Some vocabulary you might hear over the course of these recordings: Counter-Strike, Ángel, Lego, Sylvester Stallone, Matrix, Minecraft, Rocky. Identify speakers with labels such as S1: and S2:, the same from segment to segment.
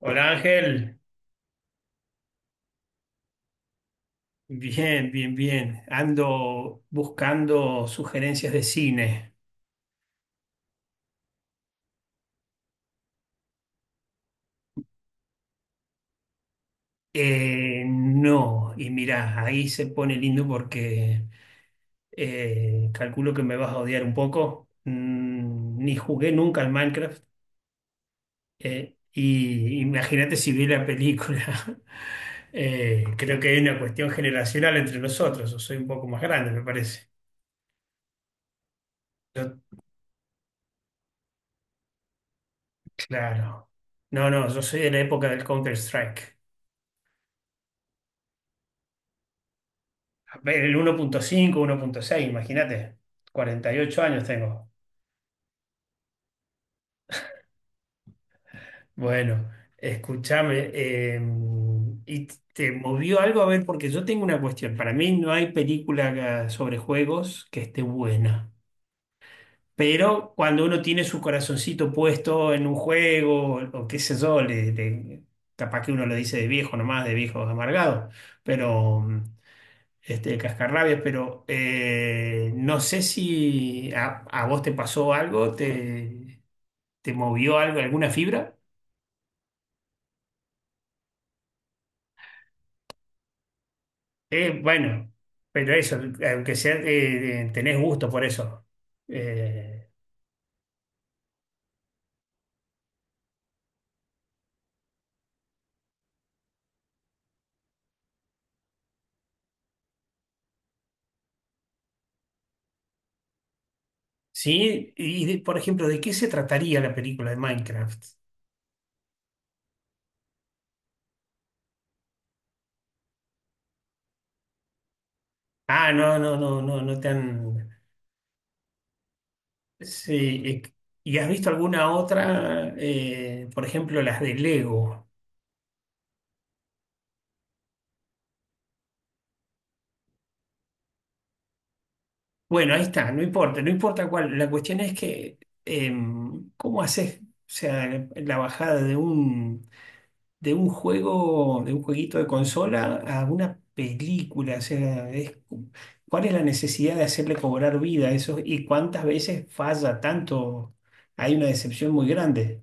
S1: Hola Ángel, bien, bien, bien. Ando buscando sugerencias de cine. No, y mirá, ahí se pone lindo porque calculo que me vas a odiar un poco. Ni jugué nunca al Minecraft. Y imagínate si vi la película. Creo que hay una cuestión generacional entre nosotros. Yo soy un poco más grande, me parece. Yo, claro. No, no, yo soy de la época del Counter-Strike. A ver, el uno punto cinco, 1.6, imagínate. 48 años tengo. Bueno, escúchame. ¿Y te movió algo? A ver, porque yo tengo una cuestión. Para mí no hay película sobre juegos que esté buena. Pero cuando uno tiene su corazoncito puesto en un juego, o qué sé yo, capaz que uno lo dice de viejo nomás, de viejo amargado. Pero. El cascarrabias, pero no sé si a vos te pasó algo, te movió algo, alguna fibra. Bueno, pero eso, aunque sea, tenés gusto por eso. Eh, sí, por ejemplo, ¿de qué se trataría la película de Minecraft? Ah, no, no, no, no, no te han... Sí, ¿y has visto alguna otra? Por ejemplo, las de Lego. Bueno, ahí está, no importa, no importa cuál. La cuestión es que, ¿cómo haces? O sea, la bajada de un juego, de un jueguito de consola a una película. O sea, ¿cuál es la necesidad de hacerle cobrar vida a eso? ¿Y cuántas veces falla tanto? Hay una decepción muy grande.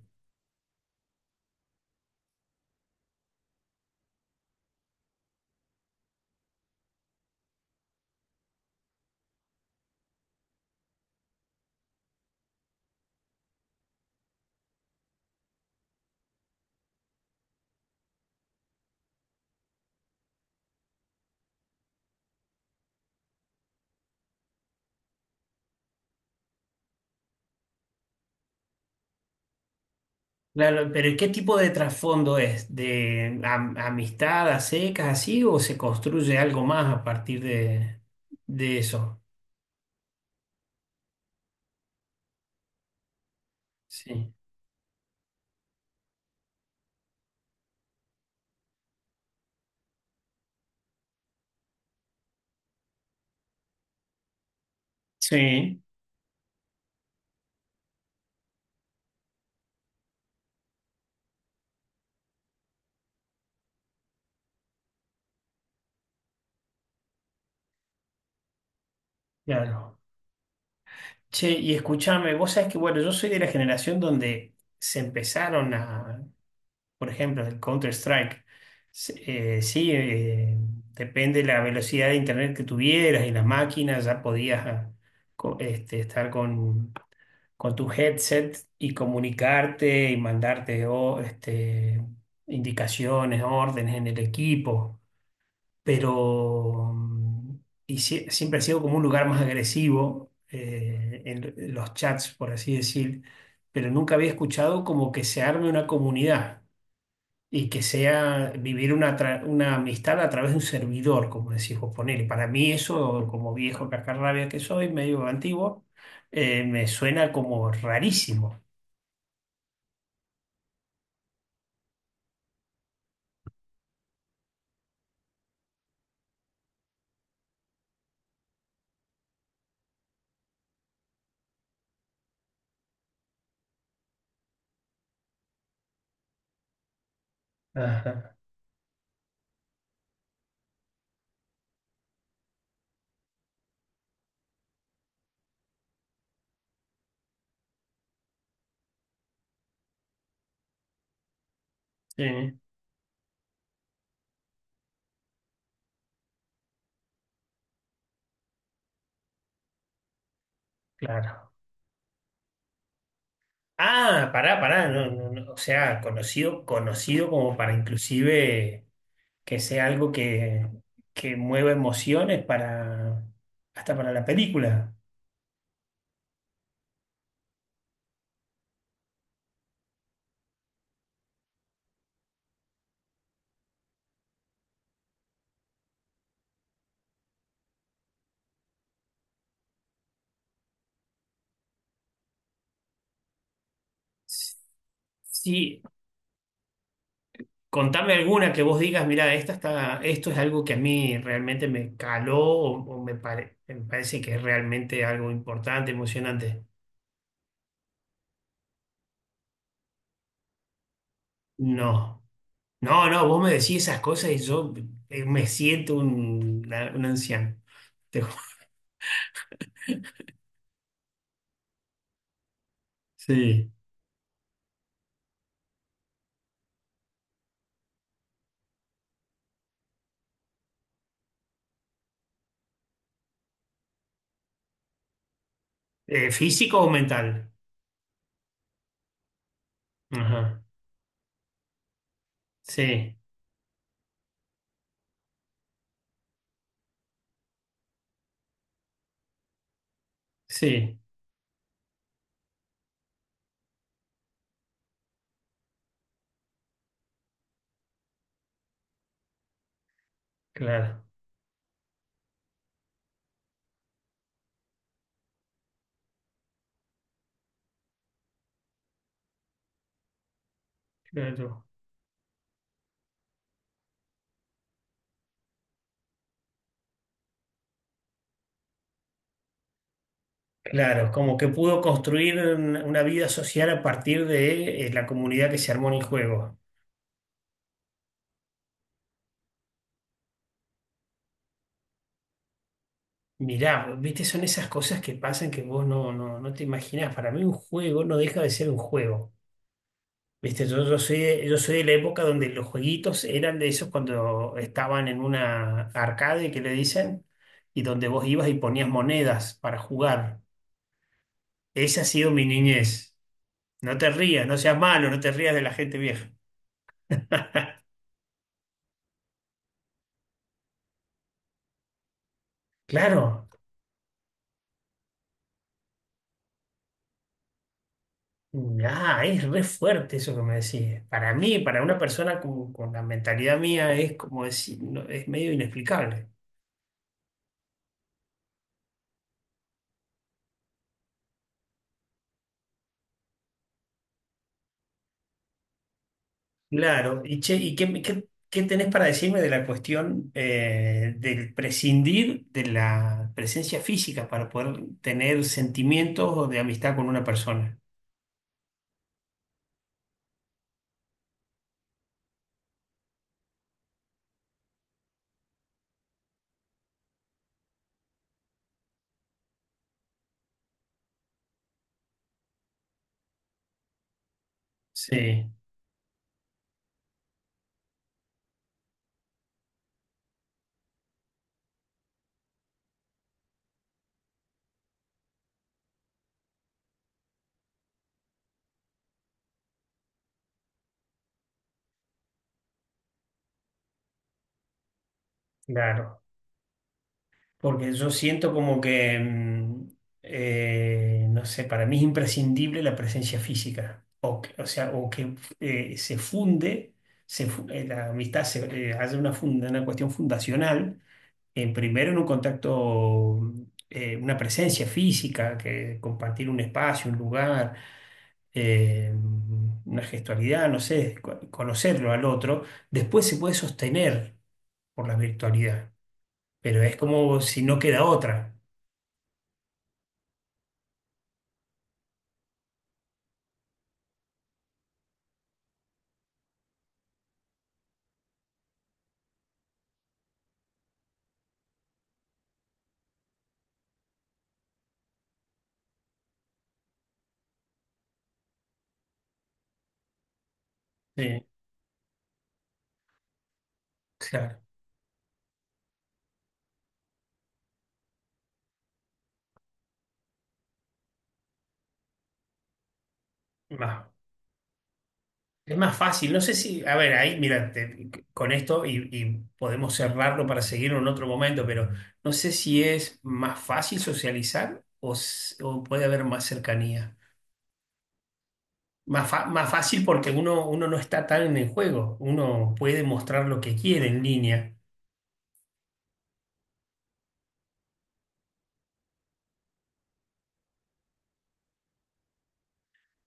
S1: Claro, pero ¿qué tipo de trasfondo es? ¿De amistad a secas así o se construye algo más a partir de eso? Sí. Sí, claro. Che, y escúchame, vos sabés que, bueno, yo soy de la generación donde se empezaron a, por ejemplo, el Counter-Strike. Sí, depende de la velocidad de internet que tuvieras y las máquinas, ya podías estar con tu headset y comunicarte y mandarte o, indicaciones, órdenes en el equipo. Pero siempre ha sido como un lugar más agresivo en los chats, por así decir, pero nunca había escuchado como que se arme una comunidad y que sea vivir una amistad a través de un servidor, como decís vos, ponele. Para mí eso, como viejo cascarrabia que soy, medio antiguo, me suena como rarísimo. Ajá. Sí, claro. Ah, pará, pará, no, no, no, o sea, conocido, conocido como para inclusive que sea algo que, mueva emociones para, hasta para la película. Sí, contame alguna que vos digas, mira, esto es algo que a mí realmente me caló o me parece que es realmente algo importante, emocionante. No, no, no, vos me decís esas cosas y yo me siento un anciano. Te ju- Sí. ¿Físico o mental? Ajá. Sí, sí, claro, claro. Claro, como que pudo construir una vida social a partir de la comunidad que se armó en el juego. Mirá, viste, son esas cosas que pasan que vos no, no, no te imaginás. Para mí un juego no deja de ser un juego. Viste, yo soy de la época donde los jueguitos eran de esos cuando estaban en una arcade que le dicen, y donde vos ibas y ponías monedas para jugar. Esa ha sido mi niñez. No te rías, no seas malo, no te rías de la gente vieja. Claro. Ah, es re fuerte eso que me decís. Para mí, para una persona con la mentalidad mía, es como decir, no, es medio inexplicable. Claro, y che, ¿y qué tenés para decirme de la cuestión del prescindir de la presencia física para poder tener sentimientos de amistad con una persona? Sí, claro. Porque yo siento como que, no sé, para mí es imprescindible la presencia física. O sea, o que se funde, la amistad se hace una cuestión fundacional, en primero en un contacto, una presencia física, que compartir un espacio, un lugar, eh, una gestualidad, no sé, conocerlo al otro. Después se puede sostener por la virtualidad, pero es como si no queda otra. Sí, claro. Más- es más fácil. No sé si, a ver, ahí, mira, con esto y podemos cerrarlo para seguir en otro momento, pero no sé si es más fácil socializar o puede haber más cercanía. Más fácil porque uno no está tan en el juego. Uno puede mostrar lo que quiere en línea.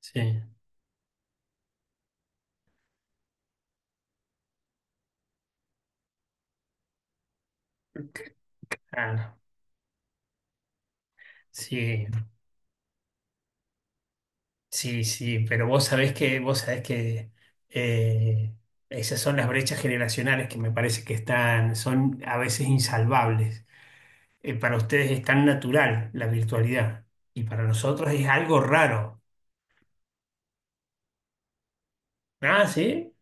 S1: Sí. Ah, no. Sí. Sí, sí, pero vos sabés que eh, esas son las brechas generacionales que me parece que están, son a veces insalvables. Para ustedes es tan natural la virtualidad y para nosotros es algo raro. Ah, sí.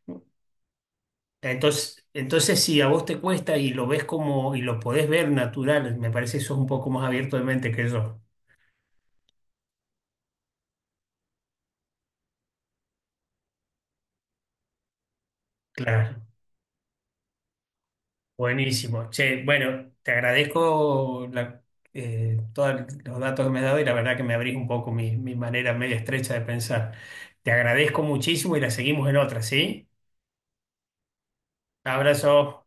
S1: Entonces si a vos te cuesta y lo ves como, y lo podés ver natural, me parece que sos un poco más abierto de mente que yo. Claro. Buenísimo. Che, bueno, te agradezco todos los datos que me has dado y la verdad que me abrís un poco mi manera media estrecha de pensar. Te agradezco muchísimo y la seguimos en otra, ¿sí? Abrazo.